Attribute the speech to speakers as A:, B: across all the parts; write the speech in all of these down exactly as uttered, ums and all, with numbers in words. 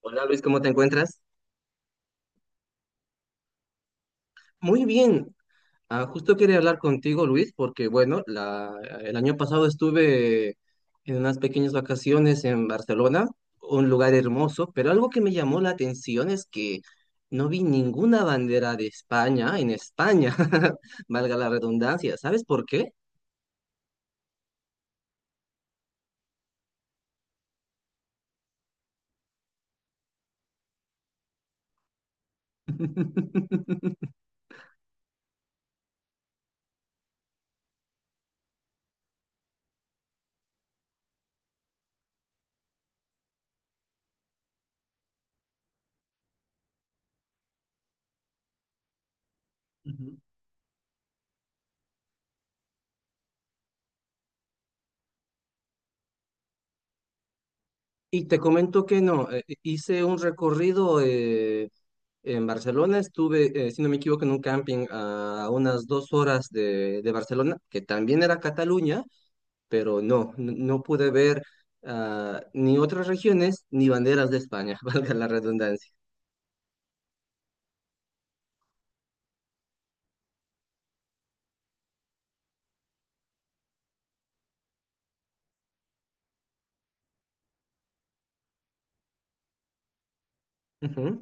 A: Hola Luis, ¿cómo te encuentras? Muy bien. Ah, justo quería hablar contigo, Luis, porque bueno, la, el año pasado estuve en unas pequeñas vacaciones en Barcelona, un lugar hermoso, pero algo que me llamó la atención es que no vi ninguna bandera de España en España, valga la redundancia. ¿Sabes por qué? Ujú. Y te comento que no, eh, hice un recorrido eh, En Barcelona estuve, eh, si no me equivoco, en un camping a unas dos horas de, de Barcelona, que también era Cataluña, pero no, n- no pude ver ah, ni otras regiones ni banderas de España, valga la redundancia. Ujú,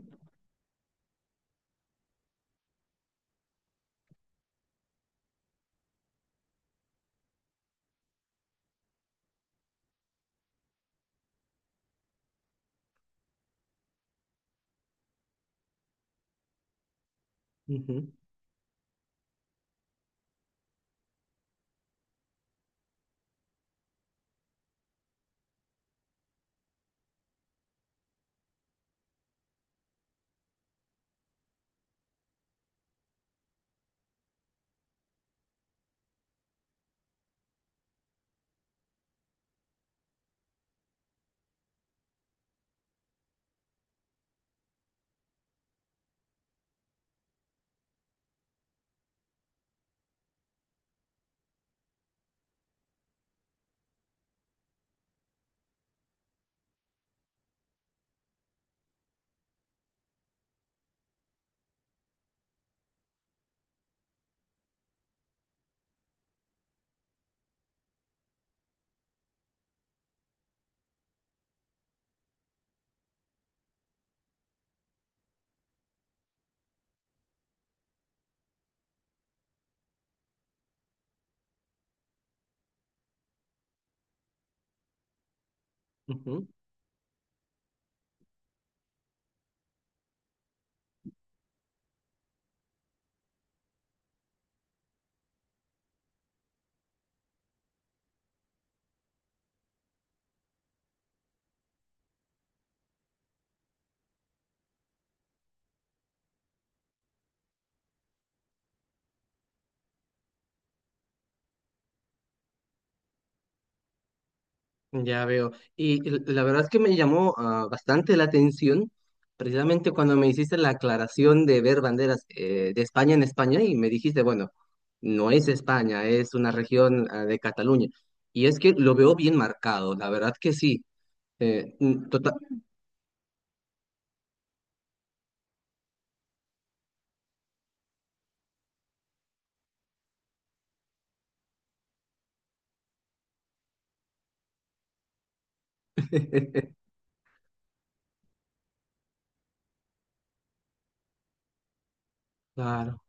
A: ujú, ujú. Ya veo. Y l- la verdad es que me llamó ah, bastante la atención, precisamente cuando me hiciste la aclaración de ver banderas eh, de España en España y me dijiste, bueno, no es España, es una región ah, de Cataluña. Y es que lo veo bien marcado, la verdad que sí. Eh, mm, tota- Claro,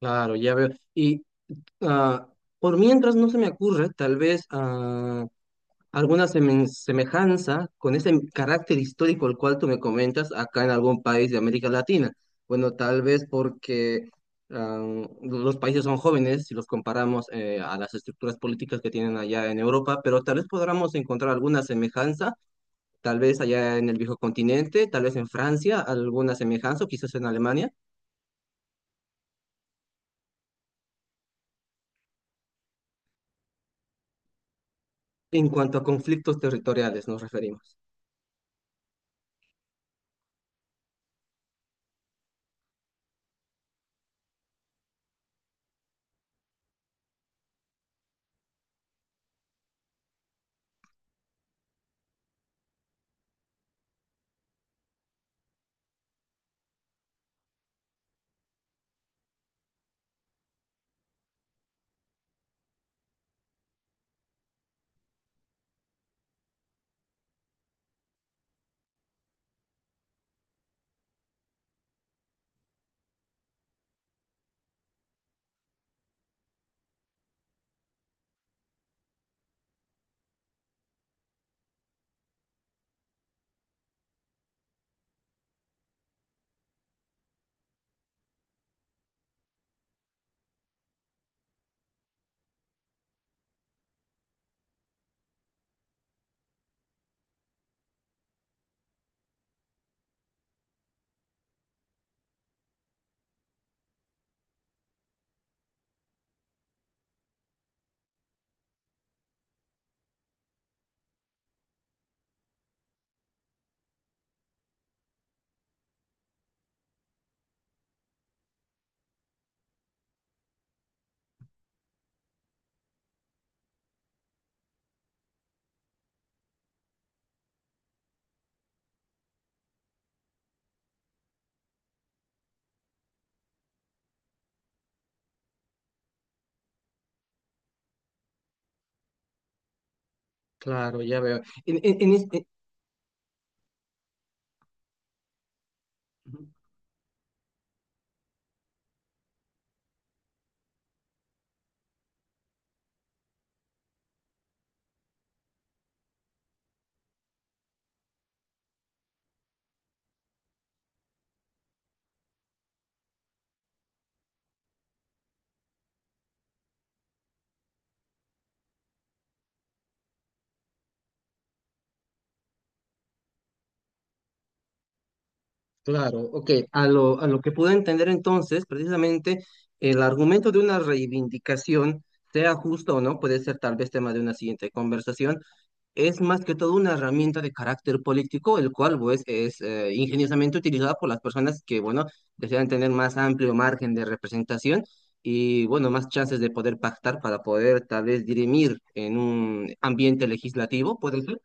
A: claro, ya veo. Y ah, por mientras no se me ocurre, tal vez ah, alguna semen- semejanza con ese carácter histórico al cual tú me comentas acá en algún país de América Latina. Bueno, tal vez porque ah, los países son jóvenes si los comparamos eh, a las estructuras políticas que tienen allá en Europa, pero tal vez podamos encontrar alguna semejanza, tal vez allá en el viejo continente, tal vez en Francia, alguna semejanza, o quizás en Alemania, en cuanto a conflictos territoriales nos referimos. Claro, ya veo. En, en- en es- en- Claro, ok. A lo, a lo que puedo entender entonces, precisamente el argumento de una reivindicación, sea justo, o no, puede ser tal vez tema de una siguiente conversación, es más que todo una herramienta de carácter político, el cual pues es eh, ingeniosamente utilizada por las personas que, bueno, desean tener más amplio margen de representación y, bueno, más chances de poder pactar para poder tal vez dirimir en un ambiente legislativo, puede ser.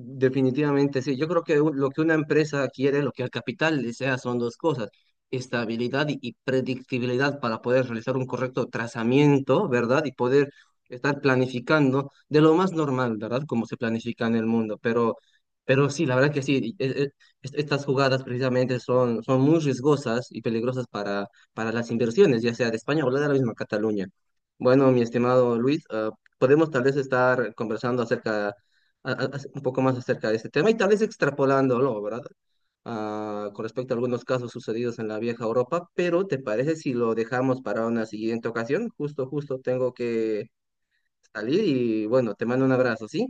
A: Definitivamente, sí. Yo creo que u- lo que una empresa quiere, lo que el capital desea, son dos cosas, estabilidad y y predictibilidad para poder realizar un correcto trazamiento, ¿verdad? Y poder estar planificando de lo más normal, ¿verdad? Como se planifica en el mundo. Pero, pero sí, la verdad que sí, e- e- est- estas jugadas precisamente son, son muy riesgosas y peligrosas para, para las inversiones, ya sea de España o de la misma Cataluña. Bueno, mi estimado Luis, ah, podemos tal vez estar conversando acerca a- a- un poco más acerca de este tema y tal vez extrapolándolo, ¿verdad? ah, con respecto a algunos casos sucedidos en la vieja Europa, pero ¿te parece si lo dejamos para una siguiente ocasión? Justo, justo, tengo que salir y bueno, te mando un abrazo, ¿sí?